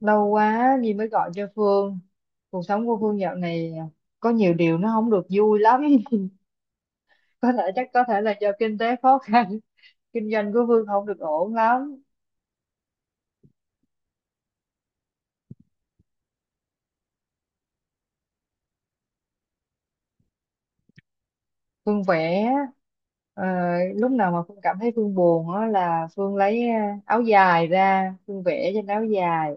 Lâu quá Nhi mới gọi cho Phương. Cuộc sống của Phương dạo này có nhiều điều nó không được vui lắm. Có thể, chắc có thể là do kinh tế khó khăn, kinh doanh của Phương không được ổn lắm. Phương vẽ. ờ, Lúc nào mà Phương cảm thấy Phương buồn á là Phương lấy áo dài ra, Phương vẽ trên áo dài.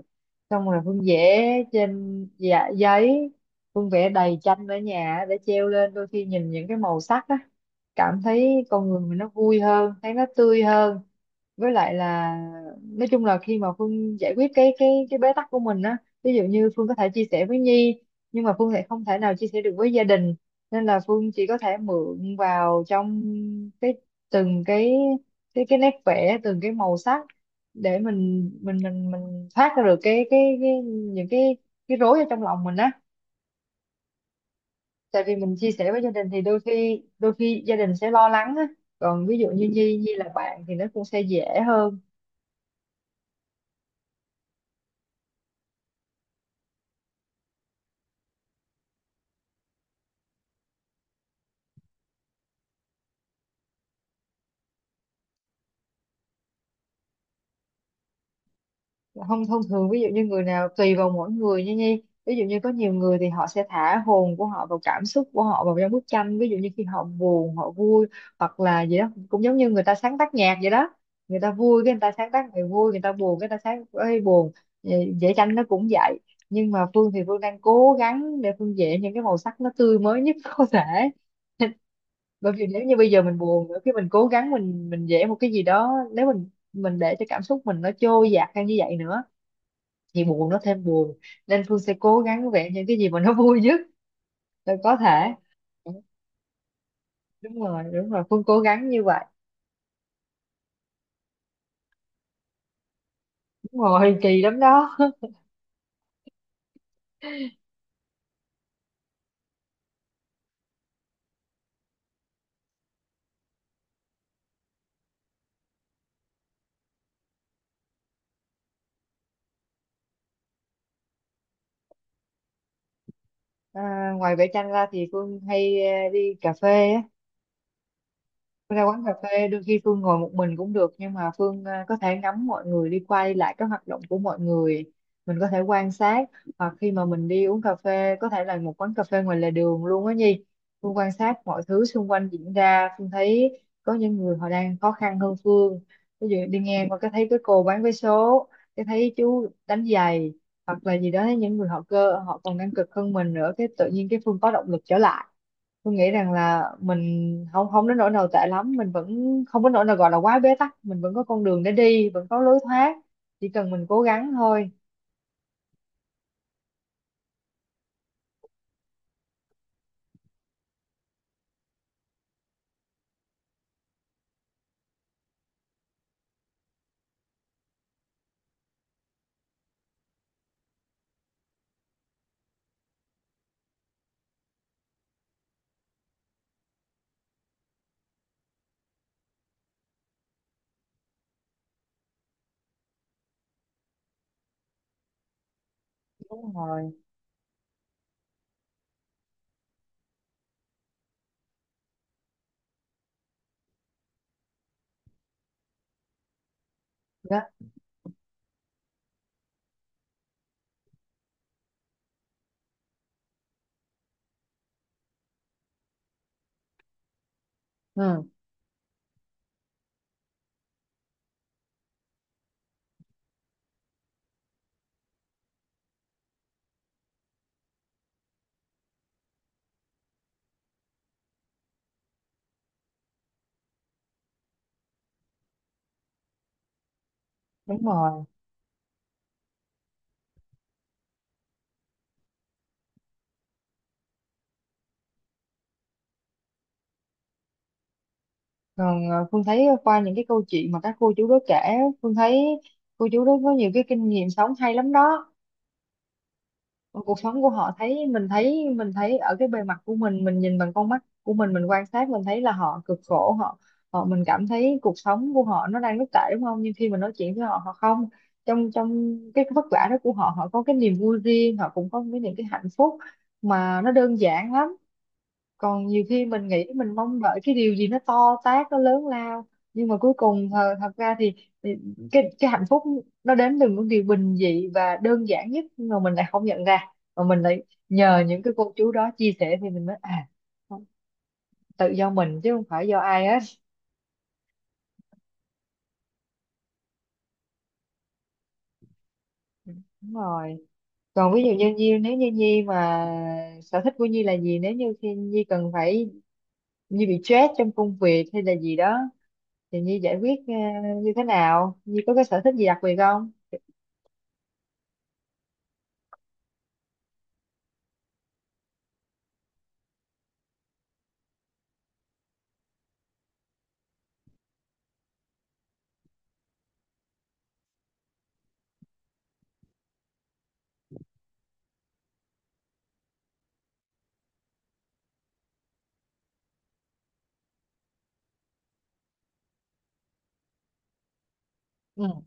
Xong rồi Phương vẽ trên giấy. Phương vẽ đầy tranh ở nhà để treo lên, đôi khi nhìn những cái màu sắc á, cảm thấy con người mình nó vui hơn, thấy nó tươi hơn. Với lại là nói chung là khi mà Phương giải quyết cái bế tắc của mình á, ví dụ như Phương có thể chia sẻ với Nhi, nhưng mà Phương lại không thể nào chia sẻ được với gia đình, nên là Phương chỉ có thể mượn vào trong cái, từng cái, cái nét vẽ, từng cái màu sắc, để mình thoát ra được cái những cái rối ở trong lòng mình á. Tại vì mình chia sẻ với gia đình thì đôi khi gia đình sẽ lo lắng á. Còn ví dụ như Nhi Nhi là bạn thì nó cũng sẽ dễ hơn. Không, thông thường ví dụ như người nào, tùy vào mỗi người nha Nhi, ví dụ như có nhiều người thì họ sẽ thả hồn của họ, vào cảm xúc của họ vào trong bức tranh, ví dụ như khi họ buồn, họ vui hoặc là gì đó, cũng giống như người ta sáng tác nhạc vậy đó. Người ta vui cái người ta sáng tác người vui, người ta buồn cái người ta sáng ấy buồn. Vẽ tranh nó cũng vậy, nhưng mà Phương thì Phương đang cố gắng để Phương vẽ những cái màu sắc nó tươi mới nhất có thể. Bởi vì nếu như bây giờ mình buồn nữa, khi mình cố gắng mình vẽ một cái gì đó, nếu mình để cho cảm xúc mình nó trôi dạt theo như vậy nữa thì buồn nó thêm buồn. Nên Phương sẽ cố gắng vẽ những cái gì mà nó vui nhất là có thể. Đúng rồi, đúng rồi, Phương cố gắng như vậy. Đúng rồi, kỳ lắm đó. À, ngoài vẽ tranh ra thì Phương hay đi cà phê á. Ra quán cà phê đôi khi Phương ngồi một mình cũng được, nhưng mà Phương có thể ngắm mọi người đi qua đi lại, các hoạt động của mọi người, mình có thể quan sát. Hoặc khi mà mình đi uống cà phê, có thể là một quán cà phê ngoài lề đường luôn á Nhi, Phương quan sát mọi thứ xung quanh diễn ra. Phương thấy có những người họ đang khó khăn hơn Phương, ví dụ đi ngang qua cái thấy cái cô bán vé số, cái thấy chú đánh giày, hoặc là gì đó, thấy những người họ cơ, họ còn đang cực hơn mình nữa, cái tự nhiên cái Phương có động lực trở lại. Tôi nghĩ rằng là mình không, không đến nỗi nào tệ lắm, mình vẫn không đến nỗi nào gọi là quá bế tắc, mình vẫn có con đường để đi, vẫn có lối thoát, chỉ cần mình cố gắng thôi. Đúng rồi. Đó. Ừ, đúng rồi, còn Phương thấy qua những cái câu chuyện mà các cô chú đó kể, Phương thấy cô chú đó có nhiều cái kinh nghiệm sống hay lắm đó. Còn cuộc sống của họ, thấy mình thấy, mình thấy ở cái bề mặt của mình nhìn bằng con mắt của mình quan sát mình thấy là họ cực khổ, họ, họ, mình cảm thấy cuộc sống của họ nó đang rất tệ đúng không, nhưng khi mình nói chuyện với họ, họ không, trong trong cái vất vả đó của họ, họ có cái niềm vui riêng, họ cũng có cái những cái hạnh phúc mà nó đơn giản lắm. Còn nhiều khi mình nghĩ mình mong đợi cái điều gì nó to tát, nó lớn lao, nhưng mà cuối cùng thật, thật ra thì cái hạnh phúc nó đến từ những điều bình dị và đơn giản nhất, nhưng mà mình lại không nhận ra, mà mình lại nhờ những cái cô chú đó chia sẻ thì mình mới à, tự do mình chứ không phải do ai hết. Đúng rồi. Còn ví dụ như Nhi, nếu như Nhi mà sở thích của Nhi là gì, nếu như khi Nhi cần phải, Nhi bị stress trong công việc hay là gì đó, thì Nhi giải quyết như thế nào, Nhi có cái sở thích gì đặc biệt không? Ừ.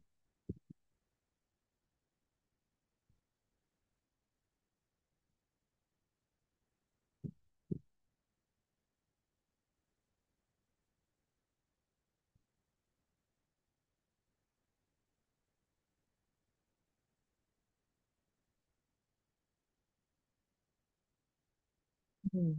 Ừ.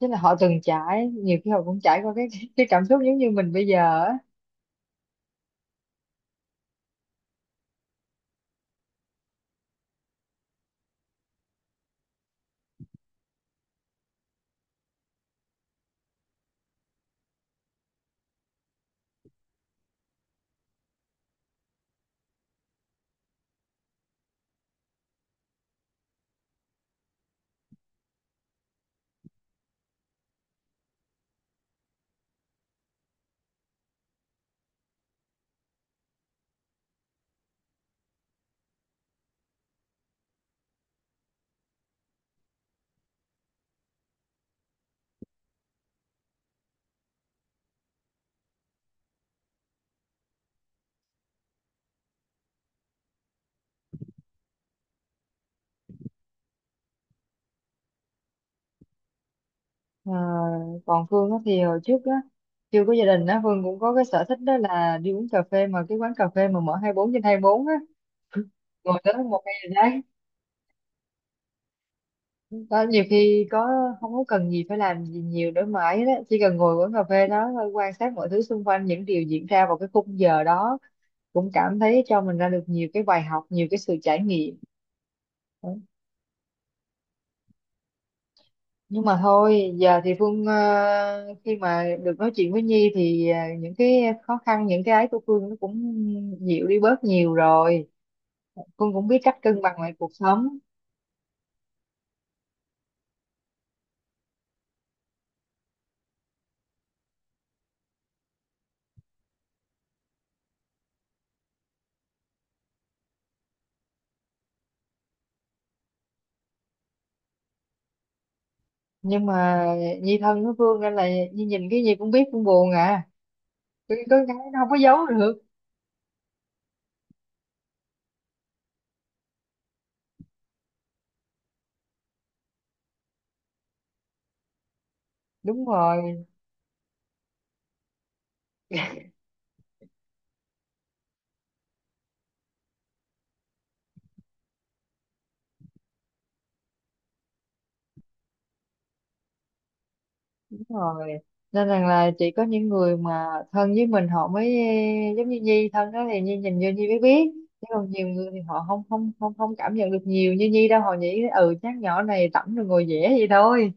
Tức là họ từng trải, nhiều khi họ cũng trải qua cái cái cảm xúc giống như mình bây giờ á. Ờ, còn Phương á thì hồi trước á, chưa có gia đình á, Phương cũng có cái sở thích đó là đi uống cà phê mà cái quán cà phê mà mở 24 trên 24 á, ngồi tới một ngày là đấy đó. Nhiều khi có, không có cần gì phải làm gì nhiều để mãi đó, chỉ cần ngồi quán cà phê đó thôi, quan sát mọi thứ xung quanh, những điều diễn ra vào cái khung giờ đó, cũng cảm thấy cho mình ra được nhiều cái bài học, nhiều cái sự trải nghiệm. Nhưng mà thôi, giờ thì Phương khi mà được nói chuyện với Nhi thì ờ, những cái khó khăn, những cái ấy của Phương nó cũng dịu đi bớt nhiều rồi, Phương cũng biết cách cân bằng lại cuộc sống. Nhưng mà Nhi thân với Phương nên là Nhi nhìn cái gì cũng biết Phương buồn à, cái có cái nó không có giấu được. Đúng rồi. Đúng rồi, nên rằng là chỉ có những người mà thân với mình họ mới giống như Nhi thân đó thì Nhi nhìn vô Nhi mới biết, chứ còn nhiều người thì họ không không không không cảm nhận được nhiều như Nhi đâu, họ nghĩ ừ chắc nhỏ này rảnh rồi ngồi vẽ vậy thôi.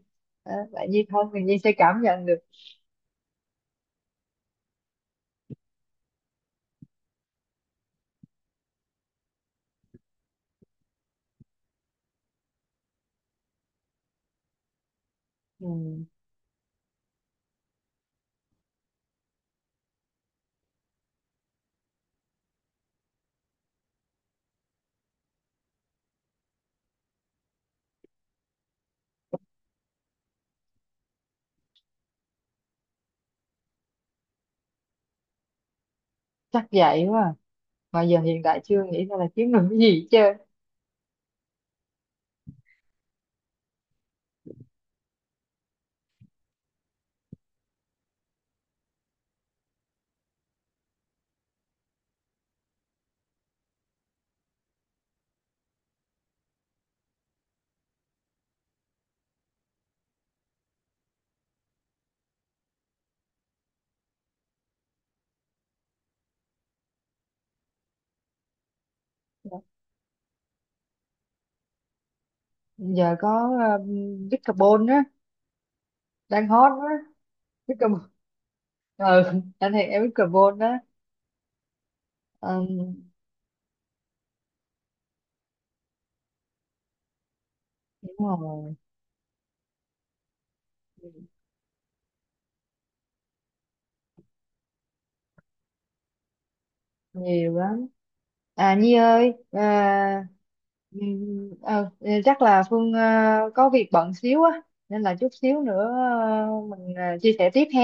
Đó, tại Nhi thân thì Nhi sẽ cảm nhận được. Ừ, chắc vậy quá à. Mà giờ hiện tại chưa nghĩ ra là kiếm được cái gì chứ. Giờ có uh, Bitcarbon á, đang hot á. Bitcarbon, ừ, anh thì em Bitcarbon đó. um, Đúng rồi, nhiều lắm. À Nhi ơi, à, chắc là Phương có việc bận xíu á, nên là chút xíu nữa mình chia sẻ tiếp ha.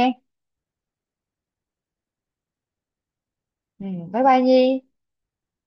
Ừ, bye bye Nhi.